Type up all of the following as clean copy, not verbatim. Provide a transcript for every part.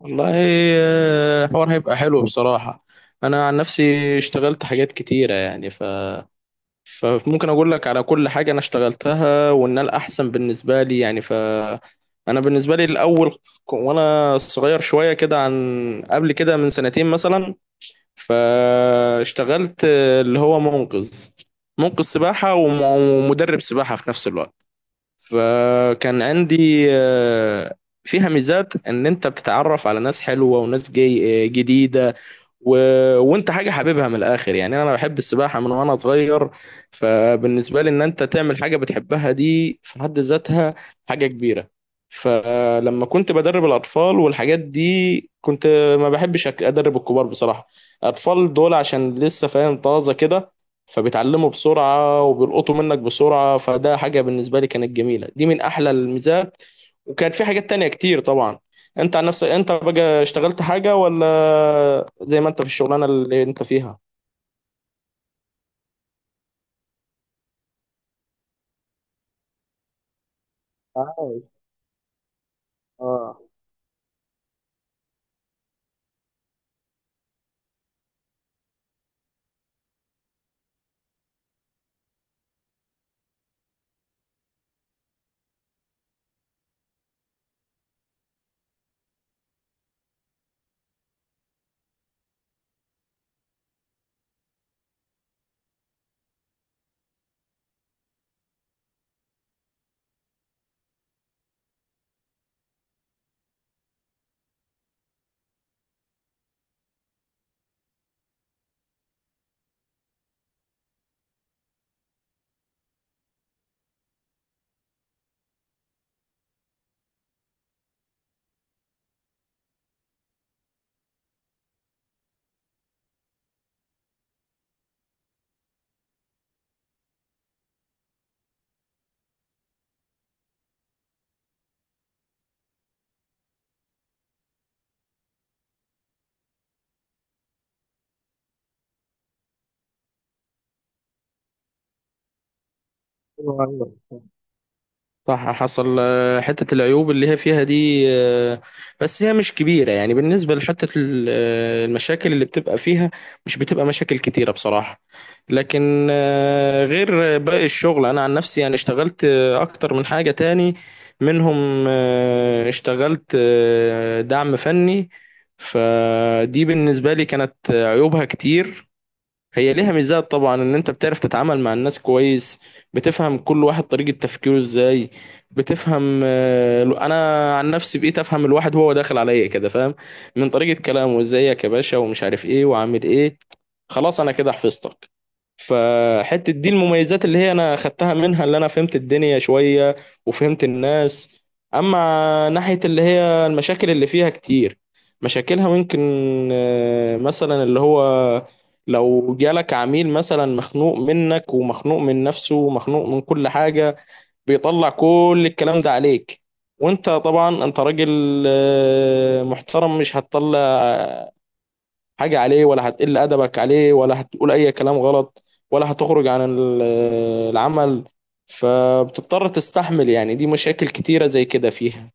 والله، الحوار هيبقى حلو بصراحة. أنا عن نفسي اشتغلت حاجات كتيرة يعني فممكن أقول لك على كل حاجة أنا اشتغلتها وإن الأحسن بالنسبة لي يعني ف، أنا بالنسبة لي الأول وأنا صغير شوية كده عن قبل كده من سنتين مثلا، فاشتغلت اللي هو منقذ، سباحة ومدرب سباحة في نفس الوقت. فكان عندي، فيها ميزات ان انت بتتعرف على ناس حلوة وناس جاي جديدة و... وانت حاجه حاببها من الاخر، يعني انا بحب السباحه من وانا صغير. فبالنسبه لي ان انت تعمل حاجه بتحبها دي في حد ذاتها حاجه كبيره. فلما كنت بدرب الاطفال والحاجات دي كنت ما بحبش ادرب الكبار بصراحه. الاطفال دول عشان لسه فاهم طازه كده، فبيتعلموا بسرعه وبيلقطوا منك بسرعه، فده حاجه بالنسبه لي كانت جميله، دي من احلى الميزات. وكانت في حاجات تانية كتير طبعا. انت عن نفسك انت بقى اشتغلت حاجة ولا زي ما انت في الشغلانة اللي انت فيها عايش؟ اه. ايوه ايوه، صح حصل، حتة العيوب اللي هي فيها دي، بس هي مش كبيرة يعني. بالنسبة لحتة المشاكل اللي بتبقى فيها، مش بتبقى مشاكل كتيرة بصراحة. لكن، غير باقي الشغل أنا عن نفسي يعني اشتغلت، أكتر من حاجة تاني. منهم، اشتغلت دعم فني. فدي بالنسبة لي كانت عيوبها كتير. هي ليها ميزات طبعا، ان انت بتعرف تتعامل مع الناس كويس، بتفهم كل واحد طريقة تفكيره ازاي. بتفهم، انا عن نفسي بقيت افهم الواحد وهو داخل عليا كده، فاهم؟ من طريقة كلامه، ازيك يا باشا ومش عارف ايه وعامل ايه، خلاص انا كده حفظتك. فحتة دي المميزات اللي هي انا خدتها منها، اللي انا فهمت الدنيا شوية وفهمت الناس. اما ناحية اللي هي المشاكل اللي فيها كتير، مشاكلها ممكن، مثلا اللي هو لو جالك عميل مثلا مخنوق منك ومخنوق من نفسه ومخنوق من كل حاجة، بيطلع كل الكلام ده عليك. وانت طبعا انت راجل محترم، مش هتطلع، حاجة عليه ولا هتقل أدبك عليه ولا هتقول أي كلام غلط، ولا هتخرج عن العمل. فبتضطر تستحمل، يعني دي مشاكل كتيرة زي كده فيها.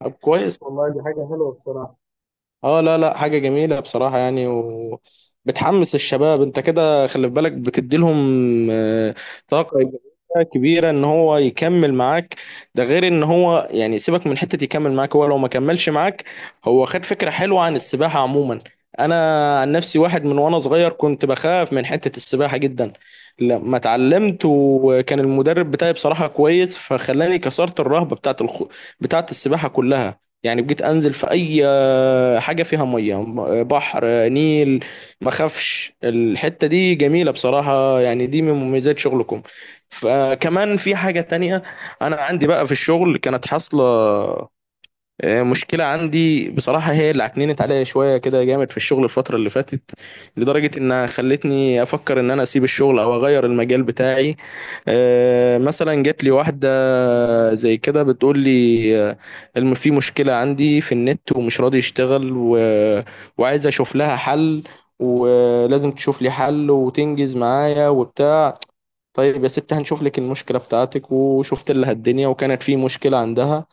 طب كويس والله، دي حاجة حلوة بصراحة. اه لا لا، حاجة جميلة بصراحة يعني، وبتحمس الشباب. انت كده خلي في بالك بتديلهم، آه، طاقة إيجابية كبيرة ان هو يكمل معاك. ده غير ان هو يعني سيبك من حتة يكمل معاك، هو لو ما كملش معاك هو خد فكرة حلوة عن السباحة عموما. انا عن نفسي واحد من وانا صغير كنت بخاف من حتة السباحة جدا. لما اتعلمت وكان المدرب بتاعي بصراحة كويس، فخلاني كسرت الرهبة بتاعت بتاعت السباحة كلها. يعني بقيت انزل في اي حاجه فيها ميه، بحر، نيل، ما اخافش. الحته دي جميله بصراحه يعني، دي من مميزات شغلكم. فكمان في حاجه تانية، انا عندي بقى في الشغل كانت حاصله، مشكله عندي بصراحه، هي اللي عكننت عليا شويه كده جامد في الشغل الفتره اللي فاتت، لدرجه انها خلتني افكر ان انا اسيب الشغل او اغير المجال بتاعي. مثلا جات لي واحدة زي كده بتقول لي، الم في مشكلة عندي في النت ومش راضي يشتغل وعايز اشوف لها حل، ولازم تشوف لي حل وتنجز معايا وبتاع. طيب يا ست هنشوف لك المشكلة بتاعتك. وشفت لها الدنيا وكانت في مشكلة عندها،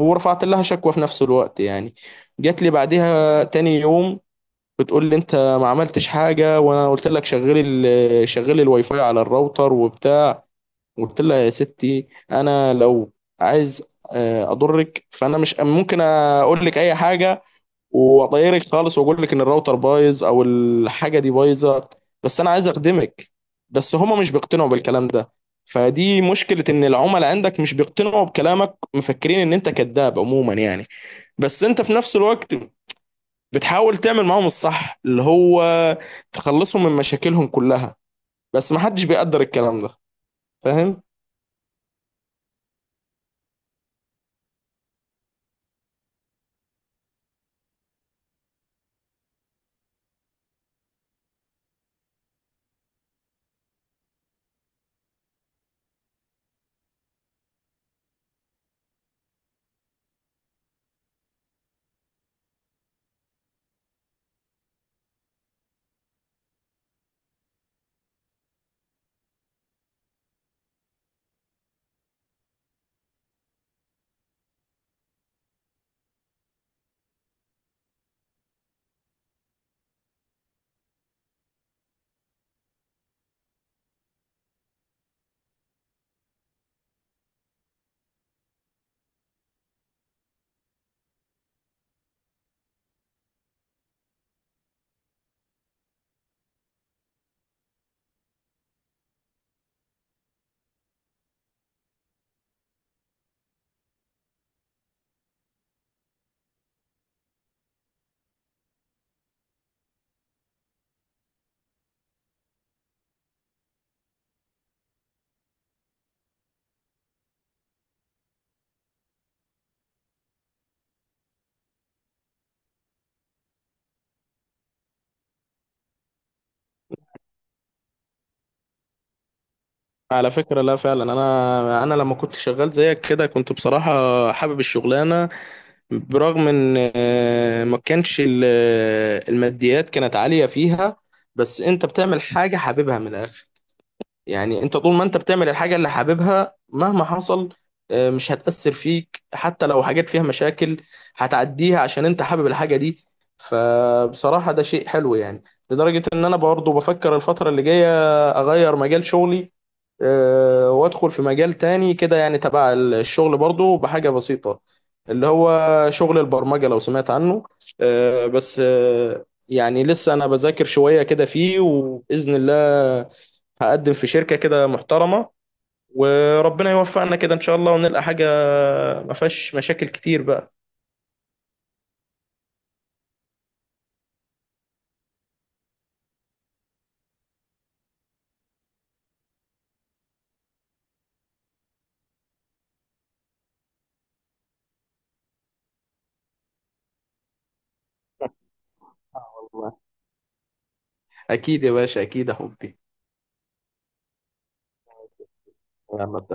ورفعت لها شكوى في نفس الوقت يعني. جات لي بعدها تاني يوم بتقول لي، انت ما عملتش حاجة، وانا قلت لك شغلي شغلي الواي فاي على الراوتر وبتاع. قلت لها، يا ستي انا لو عايز، اضرك فانا مش ممكن اقول لك اي حاجه واطيرك خالص واقول لك ان الراوتر بايظ او الحاجه دي بايظه، بس انا عايز اخدمك. بس هما مش بيقتنعوا بالكلام ده. فدي مشكله، ان العملاء عندك مش بيقتنعوا بكلامك، مفكرين ان انت كذاب عموما يعني. بس انت في نفس الوقت بتحاول تعمل معاهم الصح، اللي هو تخلصهم من مشاكلهم كلها، بس محدش بيقدر الكلام ده، فاهم؟ على فكرة لا فعلا، انا لما كنت شغال زيك كده كنت بصراحة حابب الشغلانة. برغم ان، ما كانش الماديات كانت عالية فيها، بس انت بتعمل حاجة حاببها من الاخر. يعني انت طول ما انت بتعمل الحاجة اللي حاببها مهما حصل، مش هتأثر فيك. حتى لو حاجات فيها مشاكل، هتعديها عشان انت حابب الحاجة دي. فبصراحة ده شيء حلو يعني. لدرجة ان انا برضه بفكر الفترة اللي جاية اغير مجال شغلي، وادخل في مجال تاني كده يعني تبع الشغل برضه، بحاجة بسيطة اللي هو شغل البرمجة لو سمعت عنه. آه، بس آه، يعني لسه انا بذاكر شوية كده فيه، وبإذن الله هقدم في شركة كده محترمة، وربنا يوفقنا كده إن شاء الله ونلقى حاجة ما فيهاش مشاكل كتير بقى. آه والله، اكيد يا باشا، اكيد يا حبي. يلا